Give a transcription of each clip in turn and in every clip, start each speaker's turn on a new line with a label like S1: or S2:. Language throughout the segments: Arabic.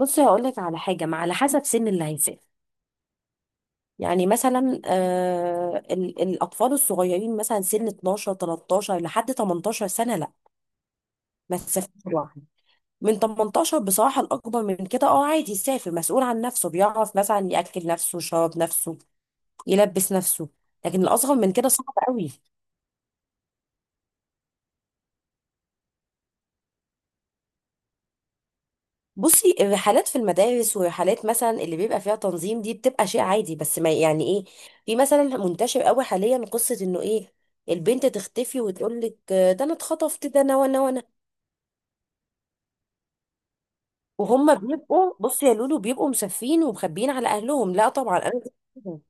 S1: بصي، هقولك على حاجة. ما على حسب سن اللي هيسافر. يعني مثلا الأطفال الصغيرين مثلا سن 12 13 لحد 18 سنة، لا ما تسافرش لوحده. من 18 بصراحة الأكبر من كده اه عادي يسافر، مسؤول عن نفسه، بيعرف مثلا يأكل نفسه، يشرب نفسه، يلبس نفسه. لكن الأصغر من كده صعب قوي. بصي، الرحلات في المدارس ورحلات مثلا اللي بيبقى فيها تنظيم دي بتبقى شيء عادي، بس ما يعني ايه، في مثلا منتشر قوي حاليا قصة انه ايه، البنت تختفي وتقول لك ده انا اتخطفت ده انا وانا وانا. وهم بيبقوا، بصي يا لولو، بيبقوا مسافين ومخبيين على اهلهم. لا طبعا انا مش كده.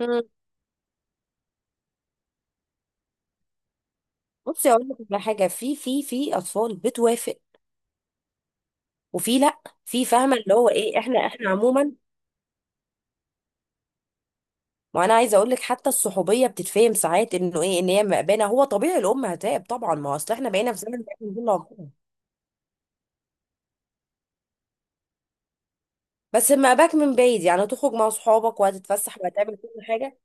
S1: مم. بصي اقول لك على حاجه، في في اطفال بتوافق وفي لا، في فاهمه اللي هو ايه، احنا عموما. ما انا عايزه اقول لك حتى الصحوبيه بتتفهم ساعات انه ايه، ان هي مأبانه، هو طبيعي الام هتعب طبعا، ما هو اصل احنا بقينا في زمن بقى من دون ربنا. بس مأباك من بعيد، يعني هتخرج مع صحابك وهتتفسح وهتعمل كل حاجه،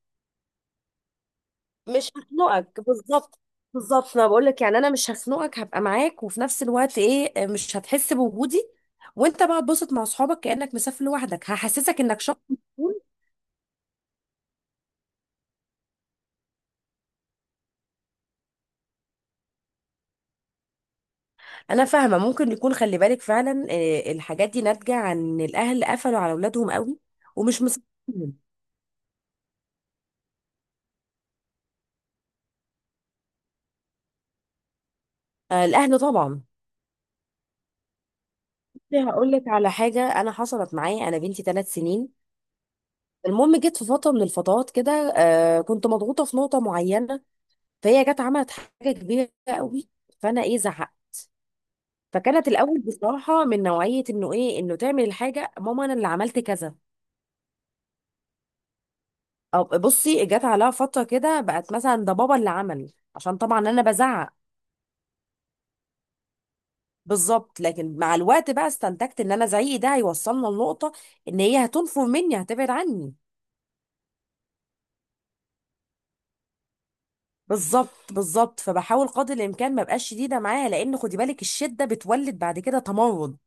S1: مش هخنقك بالظبط. بالظبط، انا بقول لك، يعني انا مش هخنقك، هبقى معاك وفي نفس الوقت ايه، مش هتحس بوجودي، وانت بقى تبسط مع صحابك كأنك مسافر لوحدك، هحسسك انك شخص مسؤول. انا فاهمه. ممكن يكون، خلي بالك فعلا، آه، الحاجات دي ناتجه عن الاهل قفلوا على اولادهم قوي ومش مسؤولين. آه، الاهل طبعا. هقول لك على حاجه، انا حصلت معايا، انا بنتي 3 سنين. المهم، جت في فتره من الفترات كده، آه كنت مضغوطه في نقطه معينه، فهي جت عملت حاجه كبيره قوي، فانا ايه زعقت. فكانت الاول بصراحه من نوعيه انه ايه، انه تعمل الحاجه، ماما انا اللي عملت كذا. او بصي، جت عليها فتره كده بقت مثلا ده بابا اللي عمل، عشان طبعا انا بزعق. بالظبط. لكن مع الوقت بقى استنتجت ان انا زعيقي ده هيوصلنا لنقطه، ان هي هتنفر مني هتبعد عني. بالظبط بالظبط. فبحاول قدر الامكان ما ابقاش شديده معاها، لان خدي بالك، الشده بتولد بعد كده تمرد.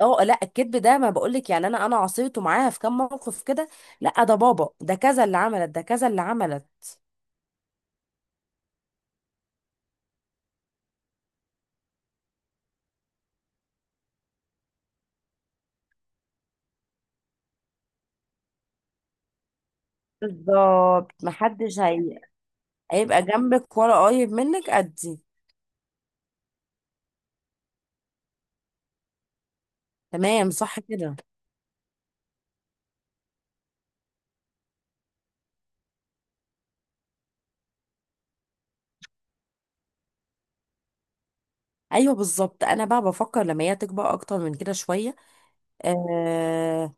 S1: اه لا، الكذب ده ما بقولك، يعني انا عصيته معاها في كام موقف كده. لا ده بابا، ده كذا اللي عملت، ده كذا اللي عملت. بالظبط. محدش هيبقى جنبك ولا قريب منك قدي. تمام، صح كده. ايوه بالظبط. انا بقى بفكر لما هي تكبر اكتر من كده شويه، آه،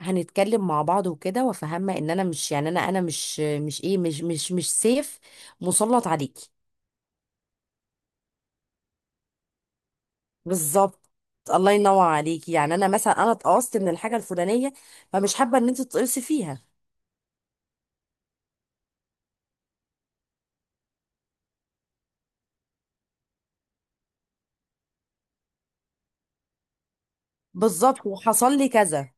S1: هنتكلم مع بعض وكده، وافهمها ان انا مش، يعني انا مش مش ايه، مش سيف مسلط عليكي. بالظبط. الله ينور عليكي. يعني انا مثلا، انا اتقصت من الحاجه الفلانيه، فمش حابه ان انت تتقصي فيها. بالظبط، وحصل لي كذا.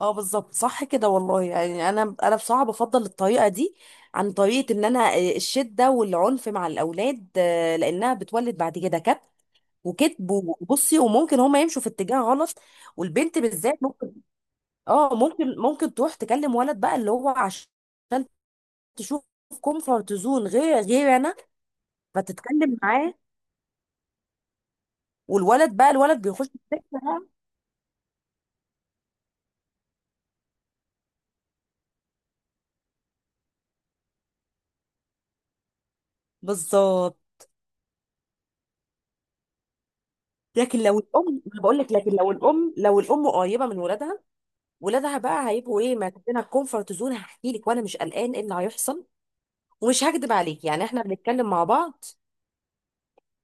S1: اه بالظبط، صح كده والله. يعني انا بصراحه بفضل الطريقه دي عن طريقه ان انا، آه، الشده والعنف مع الاولاد، آه، لانها بتولد بعد كده كب وكذب، وبصي، وممكن هما يمشوا في اتجاه غلط. والبنت بالذات. اه ممكن، ممكن تروح تكلم ولد بقى اللي هو عشان تشوف كومفورت زون غير، انا، فتتكلم معاه. والولد بقى، الولد بيخش في السكه بقى. بالظبط. لكن لو الام، بقول لك لكن لو الام، لو الام قريبه من ولادها، ولادها بقى هيبقوا ايه، ماخدينها الكومفورت زون، هحكي لك وانا مش قلقان ايه اللي هيحصل، ومش هكدب عليك، يعني احنا بنتكلم مع بعض،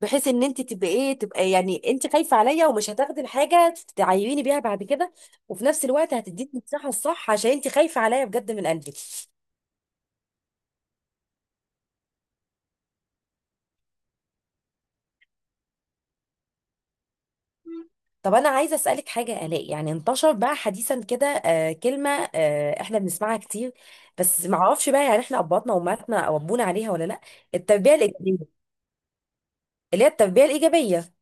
S1: بحيث ان انت تبقى ايه، تبقى يعني انت خايفه عليا ومش هتاخدي الحاجه تعيريني بيها بعد كده، وفي نفس الوقت هتديك المساحه الصح عشان انت خايفه عليا بجد من قلبك. طب انا عايزه اسالك حاجه يا الاء، يعني انتشر بقى حديثا كده آه كلمه، آه احنا بنسمعها كتير، بس ما اعرفش بقى يعني احنا اباطنا وامهاتنا ربونا عليها ولا لا، التربيه الايجابيه. اللي هي التربيه الايجابيه.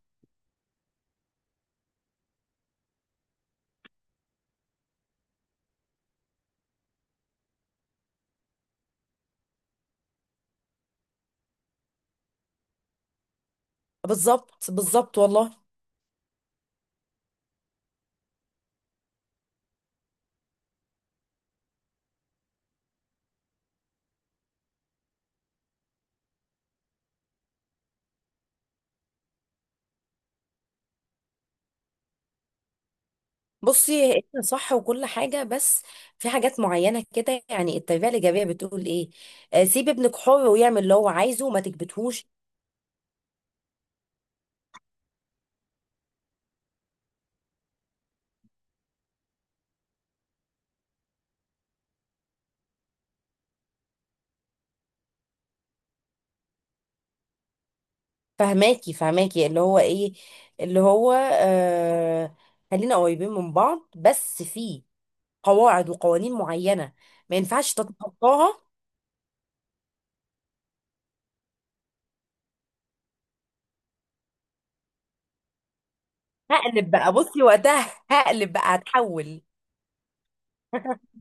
S1: بالظبط بالظبط والله. بصي، انت صح وكل حاجة، بس في حاجات معينة كده، يعني التربية الإيجابية بتقول إيه، آه، سيب ابنك حر ويعمل اللي هو عايزه وما تكبتهوش. فهماكي، فهماكي اللي هو إيه، اللي هو آه، خلينا قريبين من بعض بس في قواعد وقوانين معينة ما ينفعش تتخطاها. هقلب بقى، بصي وقتها هقلب بقى، هتحول.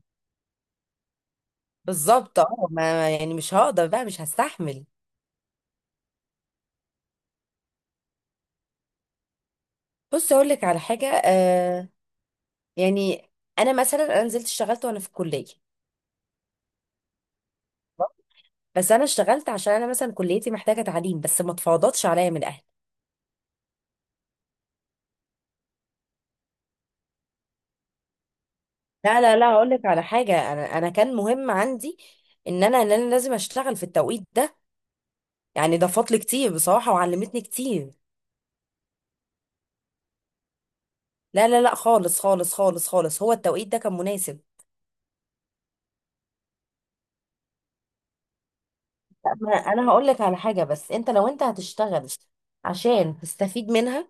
S1: بالظبط. اه، ما يعني مش هقدر بقى، مش هستحمل. بص اقول لك على حاجه، آه، يعني انا مثلا، انا نزلت اشتغلت وانا في الكليه، بس انا اشتغلت عشان انا مثلا كليتي محتاجه تعليم، بس ما اتفاضتش عليا من اهلي. لا لا لا، هقول لك على حاجه، انا كان مهم عندي ان انا، ان انا لازم اشتغل في التوقيت ده. يعني ضافت لي كتير بصراحه وعلمتني كتير. لا لا لا خالص، هو التوقيت ده كان مناسب. لا، ما انا هقول لك على حاجه. بس انت لو انت هتشتغل عشان تستفيد منها،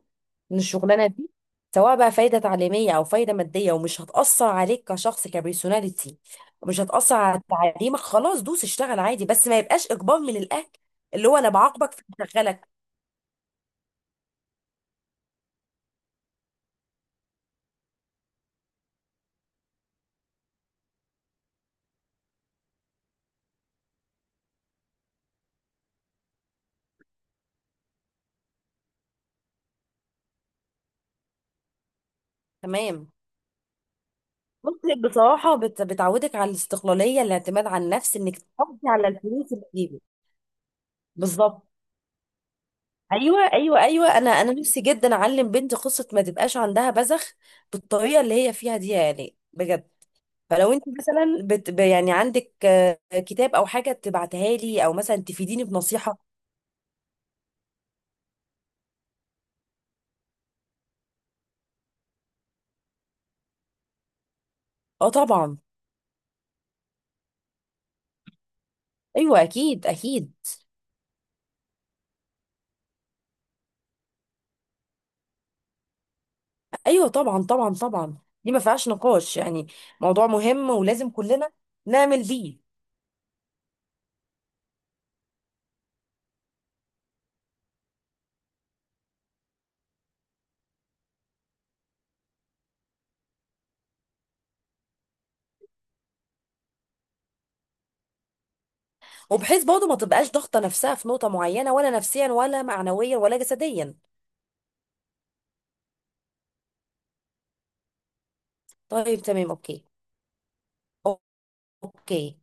S1: من الشغلانه دي، سواء بقى فايده تعليميه او فايده ماديه، ومش هتاثر عليك كشخص، كبيرسوناليتي مش هتاثر على تعليمك، خلاص دوس اشتغل عادي. بس ما يبقاش اجبار من الاهل اللي هو انا بعاقبك فبشغلك. تمام. بص بصراحه، بتعودك على الاستقلاليه، الاعتماد على النفس، انك تحافظي على الفلوس اللي بتجيبك. بالظبط. ايوه ايوه ايوه، انا نفسي جدا اعلم بنتي قصه ما تبقاش عندها بذخ بالطريقه اللي هي فيها دي، يعني بجد. فلو انت مثلا يعني عندك، آه، كتاب او حاجه تبعتها لي، او مثلا تفيديني بنصيحه. اه طبعا. ايوه اكيد اكيد. ايوه طبعا طبعا طبعا، دي ما فيهاش نقاش يعني، موضوع مهم ولازم كلنا نعمل بيه. وبحيث برضه ما تبقاش ضاغطه نفسها في نقطه معينه ولا نفسيا ولا معنويا ولا جسديا. طيب تمام، اوكي. اوكي.